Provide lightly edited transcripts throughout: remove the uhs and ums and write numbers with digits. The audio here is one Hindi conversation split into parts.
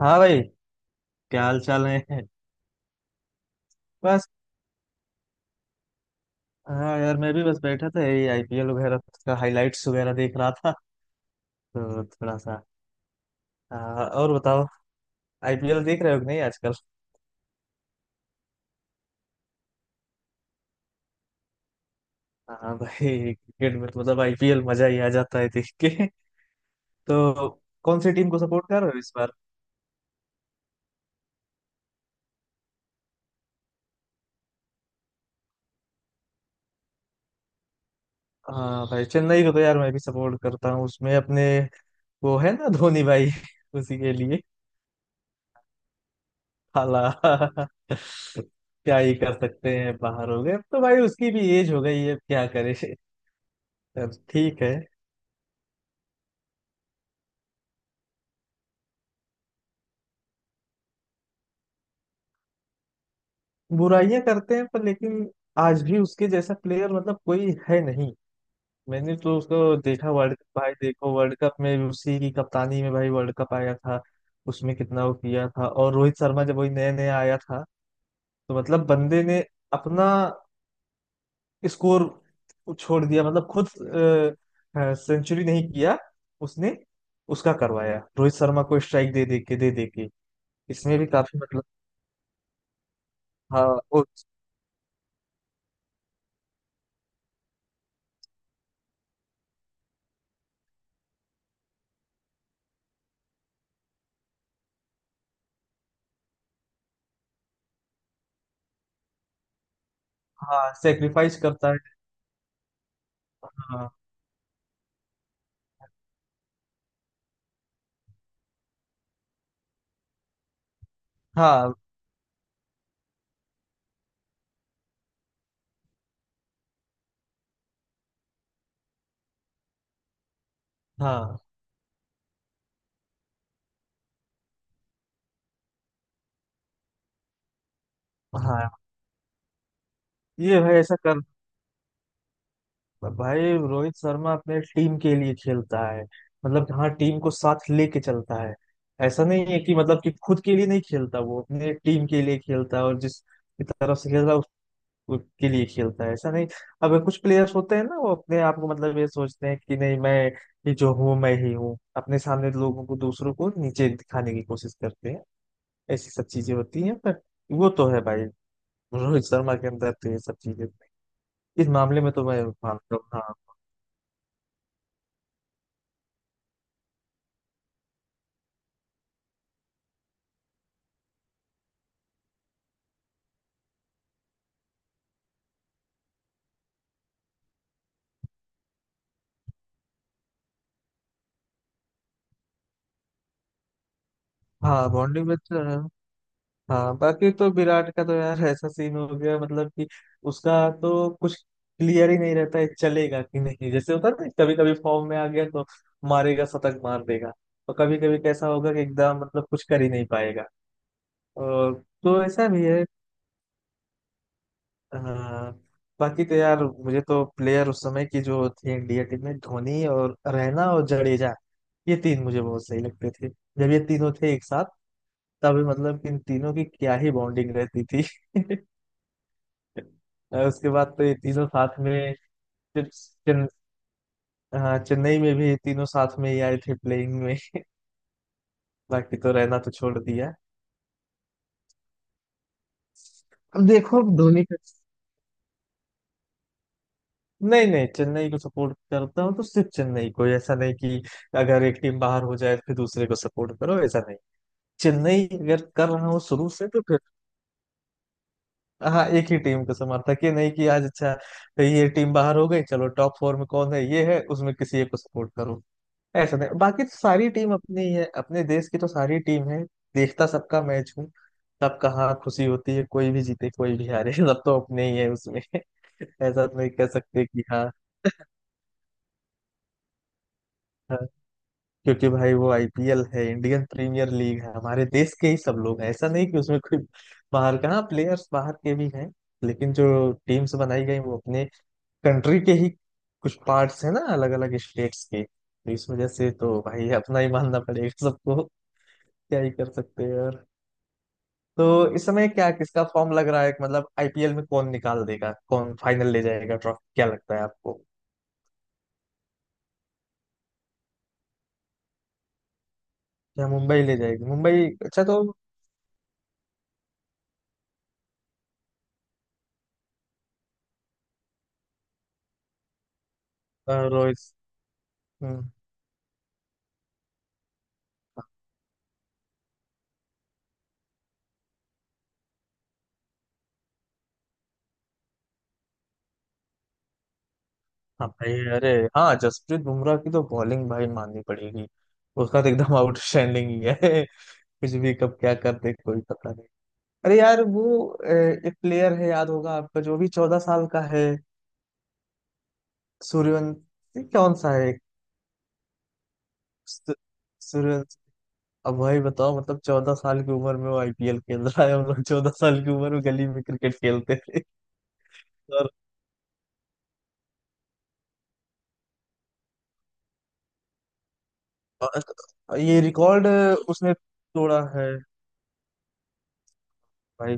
हाँ भाई। क्या हाल चाल है। बस। हाँ यार मैं भी बस बैठा था यही आईपीएल वगैरह का हाइलाइट्स वगैरह देख रहा था तो थोड़ा सा। हाँ, और बताओ। आईपीएल देख रहे हो कि नहीं आजकल। हाँ भाई क्रिकेट में तो मतलब आईपीएल मजा ही आ जाता है देख के तो। कौन सी टीम को सपोर्ट कर रहे हो इस बार। हाँ भाई चेन्नई को तो यार मैं भी सपोर्ट करता हूँ उसमें अपने वो है ना धोनी भाई। उसी के लिए। हाला। क्या ही कर सकते हैं बाहर हो गए अब तो भाई उसकी भी एज हो गई है अब क्या करे। यार ठीक है। बुराइयां करते हैं पर लेकिन आज भी उसके जैसा प्लेयर मतलब कोई है नहीं। मैंने तो उसको देखा वर्ल्ड कप भाई, देखो वर्ल्ड कप में भी उसी की कप्तानी में भाई वर्ल्ड कप आया था। उसमें कितना वो किया था, और रोहित शर्मा जब वही नया नया आया था, तो मतलब बंदे ने अपना स्कोर छोड़ दिया, मतलब खुद सेंचुरी नहीं किया उसने, उसका करवाया रोहित शर्मा को स्ट्राइक दे दे के दे दे के। इसमें भी काफी मतलब। हाँ। और। हाँ सेक्रीफाइस करता है। हाँ हाँ हाँ हाँ। ये भाई ऐसा कर, भाई रोहित शर्मा अपने टीम के लिए खेलता है, मतलब कि हाँ टीम को साथ लेके चलता है। ऐसा नहीं है कि मतलब कि खुद के लिए नहीं खेलता, वो अपने टीम के लिए खेलता है और जिस की तरफ से खेलता है उस उसके लिए खेलता है, ऐसा नहीं। अब कुछ प्लेयर्स होते हैं ना, वो अपने आप को मतलब ये सोचते हैं कि नहीं मैं ये जो हूँ मैं ही हूँ, अपने सामने लोगों को, दूसरों को नीचे दिखाने की कोशिश करते हैं। ऐसी सब चीजें होती हैं पर वो तो है भाई रोहित शर्मा के अंदर तो ये सब चीजें। इस मामले में तो मैं मानता हूँ, हाँ। हाँ बॉन्डिंग में अच्छा है। हाँ बाकी तो विराट का तो यार ऐसा सीन हो गया, मतलब कि उसका तो कुछ क्लियर ही नहीं रहता है, चलेगा कि नहीं, जैसे होता है ना कभी कभी फॉर्म में आ गया तो मारेगा, शतक मार देगा। और कभी कभी कैसा होगा कि एकदम मतलब कुछ कर ही नहीं पाएगा, और तो ऐसा भी है। हाँ बाकी तो यार मुझे तो प्लेयर उस समय की जो थी इंडिया टीम में, धोनी और रैना और जडेजा, ये तीन मुझे बहुत सही लगते थे। जब ये तीनों थे एक साथ, तब मतलब इन तीनों की क्या ही बॉन्डिंग रहती थी। और उसके बाद तो ये तीनों साथ में। फिर हाँ चेन्नई में भी ये तीनों साथ में ही आए थे प्लेइंग में। बाकी तो रहना तो छोड़ दिया। अब देखो अब धोनी का। नहीं नहीं, चेन्नई को सपोर्ट करता हूँ तो सिर्फ चेन्नई को, ऐसा नहीं कि अगर एक टीम बाहर हो जाए तो फिर दूसरे को सपोर्ट करो, ऐसा नहीं। चेन्नई अगर कर रहा हूँ शुरू से तो फिर। हाँ एक ही टीम को समर्थक, ये नहीं कि आज अच्छा ये टीम बाहर हो गई चलो टॉप फोर में कौन है ये है उसमें किसी एक को सपोर्ट करो। ऐसा नहीं, बाकी तो सारी टीम अपनी ही है, अपने देश की तो सारी टीम है। देखता सबका मैच हूँ, सबका, हाँ खुशी होती है कोई भी जीते कोई भी हारे, सब तो अपने ही है उसमें। ऐसा तो नहीं कह सकते कि हाँ। हाँ, क्योंकि भाई वो आईपीएल है, इंडियन प्रीमियर लीग है, हमारे देश के ही सब लोग हैं, ऐसा नहीं कि उसमें कोई बाहर का, हाँ प्लेयर्स बाहर के भी हैं, लेकिन जो टीम्स बनाई गई वो अपने कंट्री के ही कुछ पार्ट्स हैं ना, अलग अलग स्टेट्स के, तो इस वजह से तो भाई अपना ही मानना पड़ेगा सबको। क्या ही कर सकते हैं यार। तो इस समय क्या किसका फॉर्म लग रहा है, मतलब आईपीएल में कौन निकाल देगा, कौन फाइनल ले जाएगा ट्रॉफी, क्या लगता है आपको। क्या मुंबई ले जाएगी? मुंबई, अच्छा तो। रोहित। हम्म, हाँ भाई, अरे। हाँ जसप्रीत बुमराह की तो बॉलिंग भाई माननी पड़ेगी। उसका तो एकदम आउटस्टैंडिंग ही है। कुछ भी कब क्या कर दे कोई पता नहीं। अरे यार वो अ, एक प्लेयर है, याद होगा आपका, जो भी 14 साल का है। सूर्यवंशी कौन सा है। सूर्यवंशी। अब भाई बताओ मतलब 14 साल की उम्र में वो आईपीएल खेल रहा है, हम लोग 14 साल की उम्र में गली में क्रिकेट खेलते थे। और और ये रिकॉर्ड उसने तोड़ा है। भाई।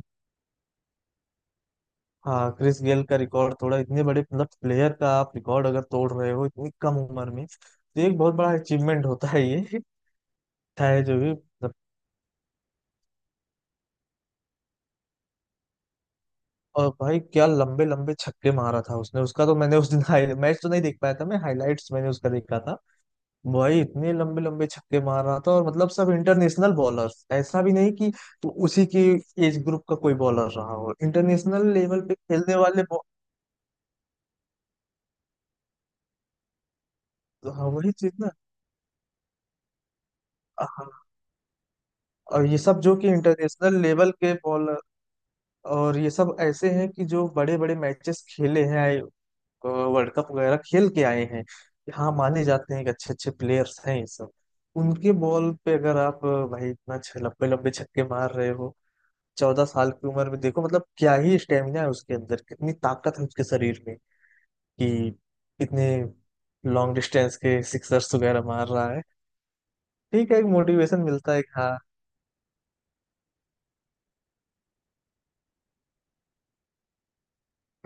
हाँ क्रिस गेल का रिकॉर्ड तोड़ा, इतने बड़े मतलब प्लेयर का आप रिकॉर्ड अगर तोड़ रहे हो इतनी कम उम्र में, तो एक बहुत बड़ा अचीवमेंट होता है ये। है जो भी मतलब। और भाई क्या लंबे लंबे छक्के मारा था उसने, उसका तो मैंने उस दिन मैच तो नहीं देख पाया था, मैं हाईलाइट्स मैंने उसका देखा था। वही इतने लंबे लंबे छक्के मार रहा था और मतलब सब इंटरनेशनल बॉलर्स, ऐसा भी नहीं कि तो उसी की एज ग्रुप का कोई बॉलर रहा हो, इंटरनेशनल लेवल पे खेलने वाले हाँ वही चीज ना। हाँ। और ये सब जो कि इंटरनेशनल लेवल के बॉलर, और ये सब ऐसे हैं कि जो बड़े बड़े मैचेस खेले हैं, वर्ल्ड कप वगैरह खेल के आए हैं। हाँ माने जाते हैं कि अच्छे अच्छे प्लेयर्स हैं ये सब। उनके बॉल पे अगर आप, भाई इतना लंबे लंबे छक्के मार रहे हो 14 साल की उम्र में, देखो मतलब क्या ही स्टेमिना है उसके अंदर, कितनी ताकत है उसके शरीर में, कि इतने लॉन्ग डिस्टेंस के सिक्सर्स वगैरह मार रहा है। ठीक है, एक मोटिवेशन मिलता है कि हाँ।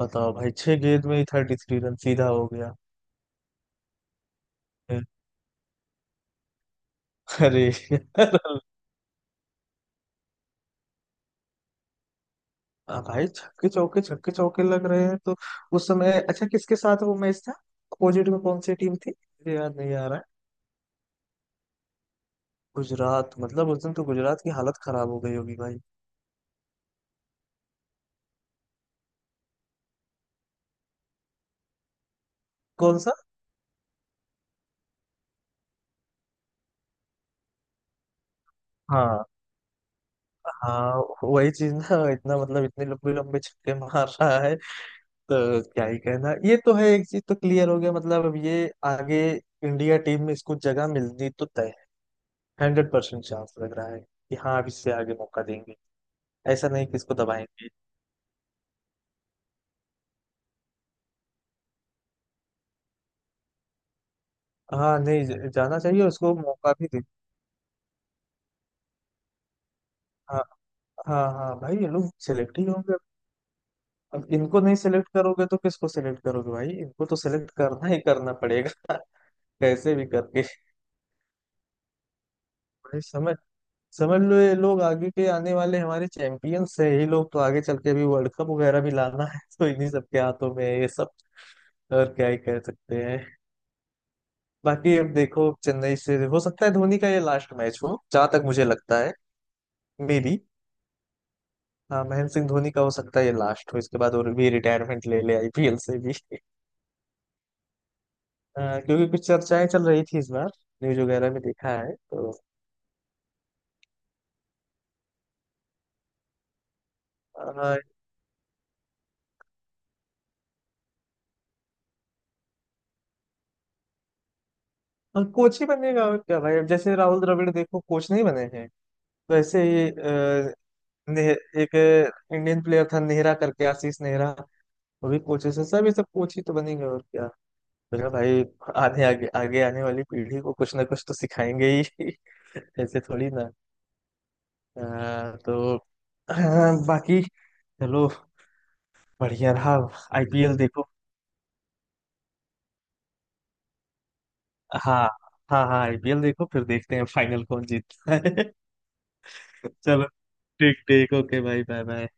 बताओ भाई 6 गेंद में ही 33 रन सीधा हो गया। अरे। हाँ भाई छक्के चौके लग रहे हैं तो। उस समय अच्छा किसके साथ वो मैच था, अपोजिट में कौन सी टीम थी मुझे याद नहीं आ रहा है। गुजरात, मतलब उस दिन तो गुजरात की हालत खराब हो गई होगी भाई। कौन सा। हाँ। हाँ वही चीज ना, इतना मतलब इतने लंबे लंबे छक्के मार रहा है, तो क्या ही कहना, ये तो है एक चीज तो क्लियर हो गया, मतलब अब ये आगे इंडिया टीम में इसको जगह मिलनी तो तय है। 100% चांस लग रहा है कि हाँ अब इससे आगे मौका देंगे। ऐसा नहीं कि इसको दबाएंगे। हाँ नहीं, जाना चाहिए, उसको मौका भी दे। हाँ हाँ, हाँ भाई ये लोग सिलेक्ट ही होंगे। अब इनको नहीं सिलेक्ट करोगे तो किसको सिलेक्ट करोगे भाई, इनको तो सिलेक्ट करना ही करना पड़ेगा। कैसे भी करके। भाई समझ समझ लो ये लोग आगे के आने वाले हमारे चैंपियंस है, ये लोग तो आगे चल के अभी वर्ल्ड कप वगैरह भी लाना है तो इन्हीं सब के हाथों में है ये सब। और क्या ही कह सकते हैं। बाकी अब देखो चेन्नई से हो सकता है धोनी का ये लास्ट मैच हो, जहां तक मुझे लगता है। May be. हाँ महेंद्र सिंह धोनी का हो सकता है ये लास्ट हो, इसके बाद और भी रिटायरमेंट ले ले आईपीएल से भी। क्योंकि कुछ चर्चाएं चल रही थी इस बार न्यूज वगैरह में देखा है तो। अ, और कोच ही बनेगा और क्या भाई, अब जैसे राहुल द्रविड़ देखो कोच नहीं बने हैं, वैसे ही एक इंडियन प्लेयर था नेहरा करके, आशीष नेहरा, वो भी कोचेस है, सब ये सब कोच ही तो बनेंगे, और क्या। बोला भाई आने आगे आगे आने वाली पीढ़ी को कुछ ना कुछ तो सिखाएंगे ही। ऐसे थोड़ी ना। तो बाकी चलो, बढ़िया रहा। आईपीएल देखो। हाँ। हाँ हाँ आईपीएल देखो, फिर देखते हैं फाइनल कौन जीतता है। चलो, ठीक ठीक, ओके भाई, बाय बाय।